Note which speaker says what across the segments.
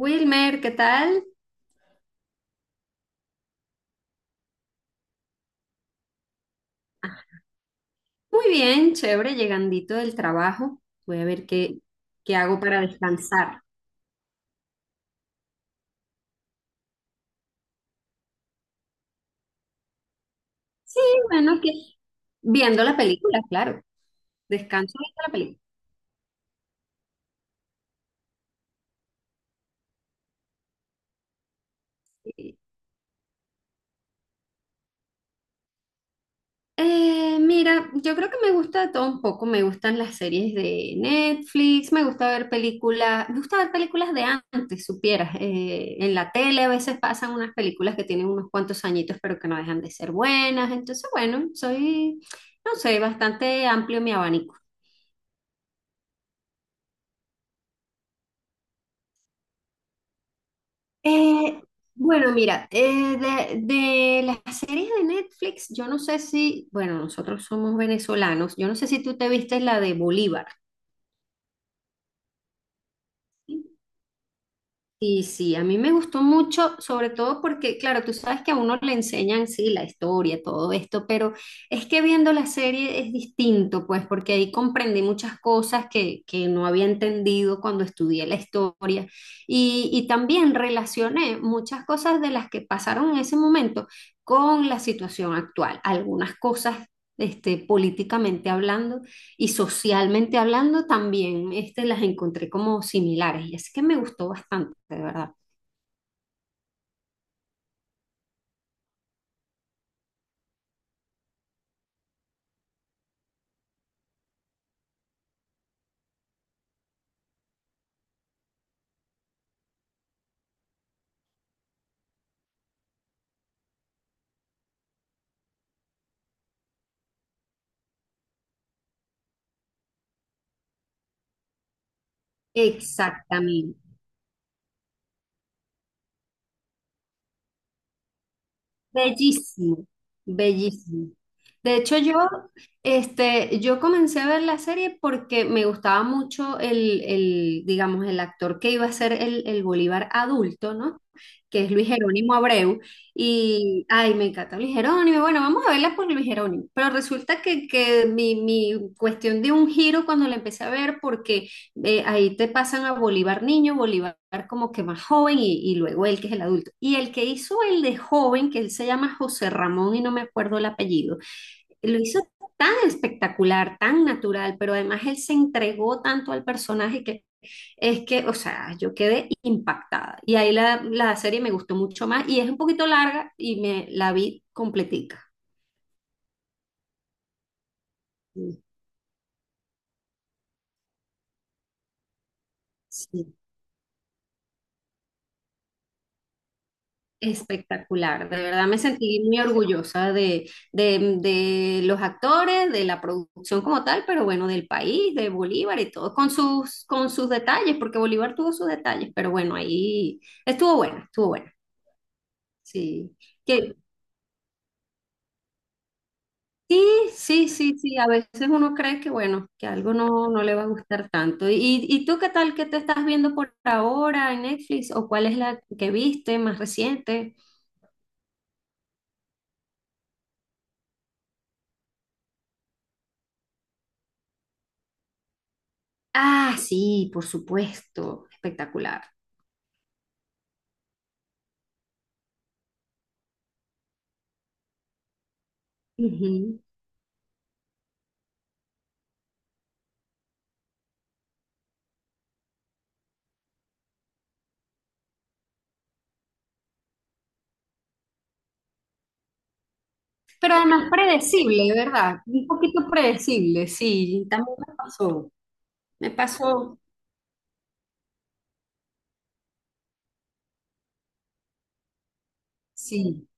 Speaker 1: Wilmer, ¿qué tal? Muy bien, chévere, llegandito del trabajo. Voy a ver qué, qué hago para descansar. Sí, bueno, que viendo la película, claro. Descanso viendo la película. Sí. Mira, yo creo que me gusta de todo un poco. Me gustan las series de Netflix, me gusta ver películas, me gusta ver películas de antes, supieras. En la tele a veces pasan unas películas que tienen unos cuantos añitos, pero que no dejan de ser buenas. Entonces, bueno, soy, no sé, bastante amplio mi abanico. Eh, bueno, mira, de las series de Netflix, yo no sé si, bueno, nosotros somos venezolanos, yo no sé si tú te viste la de Bolívar. ¿Sí? Sí, sí, a mí me gustó mucho, sobre todo porque, claro, tú sabes que a uno le enseñan, sí, la historia, todo esto, pero es que viendo la serie es distinto, pues, porque ahí comprendí muchas cosas que no había entendido cuando estudié la historia y también relacioné muchas cosas de las que pasaron en ese momento con la situación actual, algunas cosas, este, políticamente hablando y socialmente hablando también, este, las encontré como similares y así que me gustó bastante, de verdad. Exactamente. Bellísimo, bellísimo. De hecho, yo, este, yo comencé a ver la serie porque me gustaba mucho el, digamos, el actor que iba a ser el Bolívar adulto, ¿no? Que es Luis Jerónimo Abreu. Y, ay, me encanta Luis Jerónimo. Bueno, vamos a verla por Luis Jerónimo. Pero resulta que, que mi cuestión dio un giro cuando la empecé a ver porque ahí te pasan a Bolívar niño, Bolívar como que más joven y luego él que es el adulto. Y el que hizo el de joven, que él se llama José Ramón y no me acuerdo el apellido, lo hizo tan espectacular, tan natural, pero además él se entregó tanto al personaje que es que, o sea, yo quedé impactada. Y ahí la serie me gustó mucho más y es un poquito larga y me la vi completica. Sí. Espectacular, de verdad me sentí muy orgullosa de, de los actores, de la producción como tal, pero bueno, del país, de Bolívar y todo, con sus detalles, porque Bolívar tuvo sus detalles, pero bueno, ahí estuvo bueno, sí. Que, sí, sí, sí, sí, a veces uno cree que bueno, que algo no, no le va a gustar tanto. Y tú qué tal que te estás viendo por ahora en Netflix o cuál es la que viste más reciente? Ah, sí, por supuesto, espectacular. Ujú. Pero además predecible, ¿verdad? Un poquito predecible, sí, también me pasó. Me pasó, sí.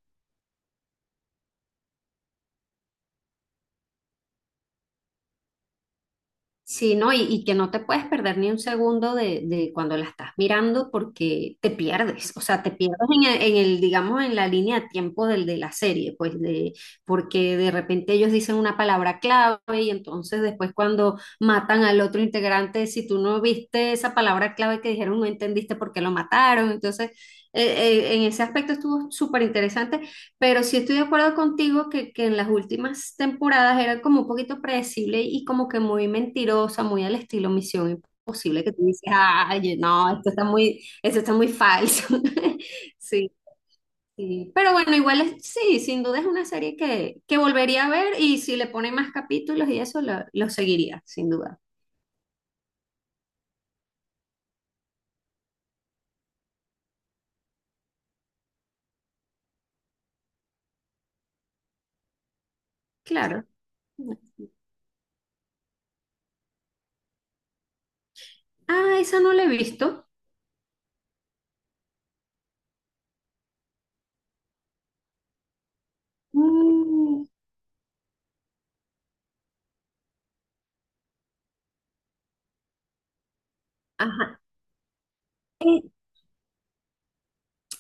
Speaker 1: Sí, ¿no? Y que no te puedes perder ni un segundo de cuando la estás mirando porque te pierdes, o sea, te pierdes en el, digamos, en la línea de tiempo del, de la serie, pues de, porque de repente ellos dicen una palabra clave y entonces después cuando matan al otro integrante, si tú no viste esa palabra clave que dijeron, no entendiste por qué lo mataron, entonces eh, en ese aspecto estuvo súper interesante pero sí estoy de acuerdo contigo que en las últimas temporadas era como un poquito predecible y como que muy mentirosa, muy al estilo Misión Imposible, que tú dices, ay, no, esto está muy, eso está muy falso. Sí, sí. Pero bueno, igual es, sí, sin duda es una serie que volvería a ver y si le ponen más capítulos y eso, lo seguiría, sin duda. Claro. Ah, esa no la he visto. Mm, ajá. eh,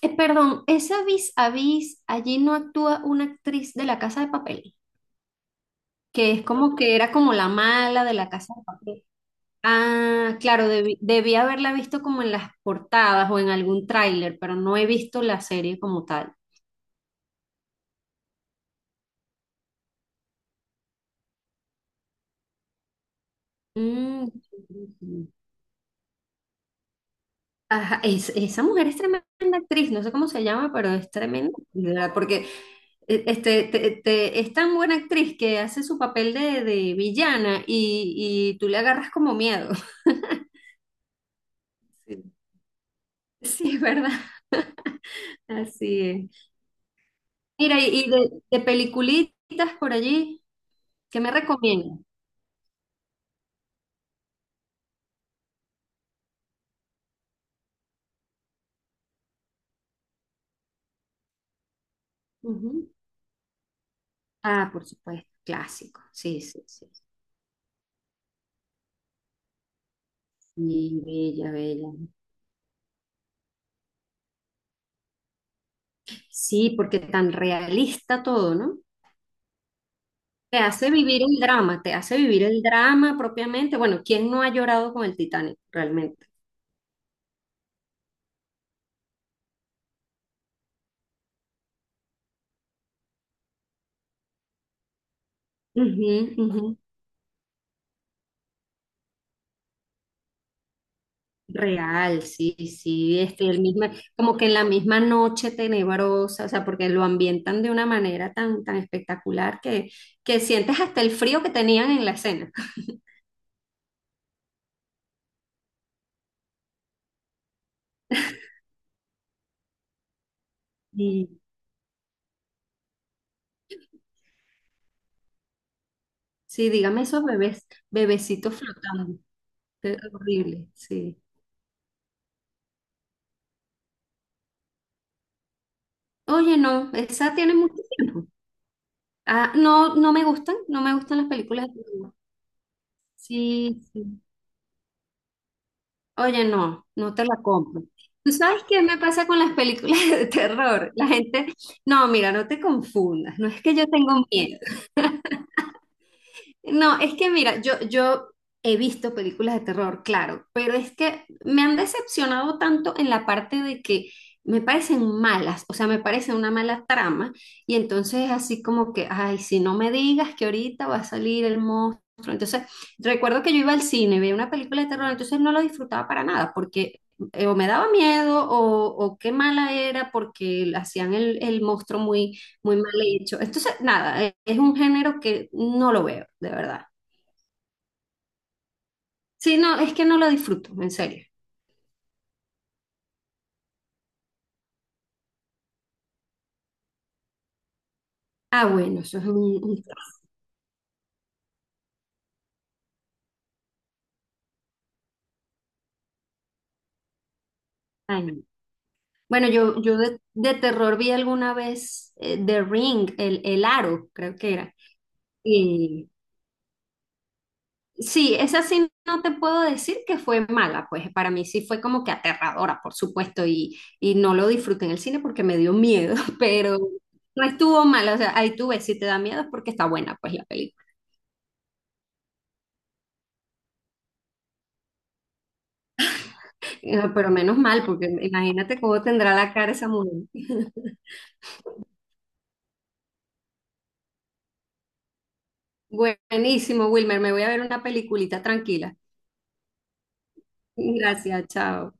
Speaker 1: Perdón, esa Vis a Vis, allí no actúa una actriz de La Casa de Papel, que es como que era como la mala de La Casa de Papel. Ah, claro, debí, debí haberla visto como en las portadas o en algún tráiler, pero no he visto la serie como tal. Mm. Ajá, esa mujer es tremenda actriz, no sé cómo se llama, pero es tremenda, ¿verdad? Porque este, es tan buena actriz que hace su papel de villana y tú le agarras como miedo. Sí, ¿verdad? Así es. Mira, y de peliculitas por allí, ¿qué me recomiendas? Ujú. Ah, por supuesto, clásico. Sí, sí, sí. Sí, bella, bella. Sí, porque tan realista todo, ¿no? Te hace vivir el drama, te hace vivir el drama propiamente. Bueno, ¿quién no ha llorado con el Titanic realmente? Ujú, ujú. Real, sí, sí, este, el misma, como que en la misma noche tenebrosa, o sea, porque lo ambientan de una manera tan, tan espectacular que sientes hasta el frío que tenían en la escena. sí sí, dígame esos bebés, bebecitos flotando, es horrible, sí. Oye, no, esa tiene mucho tiempo. Ah, no, no me gustan, no me gustan las películas de terror. Sí, sí. Oye, no, no te la compro. ¿Tú sabes qué me pasa con las películas de terror? La gente, no, mira, no te confundas, no es que yo tengo miedo. No, es que mira, yo he visto películas de terror, claro, pero es que me han decepcionado tanto en la parte de que me parecen malas, o sea, me parece una mala trama, y entonces así como que, ay, si no me digas que ahorita va a salir el monstruo. Entonces, recuerdo que yo iba al cine, veía una película de terror, entonces no lo disfrutaba para nada, porque o me daba miedo o qué mala era porque hacían el monstruo muy muy mal hecho. Entonces, nada, es un género que no lo veo, de verdad. Sí, no, es que no lo disfruto, en serio. Ah, bueno, eso es un extraño. Bueno, yo de terror vi alguna vez The Ring, el Aro, creo que era. Y sí, esa sí no te puedo decir que fue mala, pues para mí sí fue como que aterradora, por supuesto, y no lo disfruté en el cine porque me dio miedo, pero no estuvo mala, o sea, ahí tú ves, si te da miedo es porque está buena, pues la película. Ah, pero menos mal, porque imagínate cómo tendrá la cara esa mujer. Buenísimo, Wilmer. Me voy a ver una peliculita tranquila. Gracias, chao.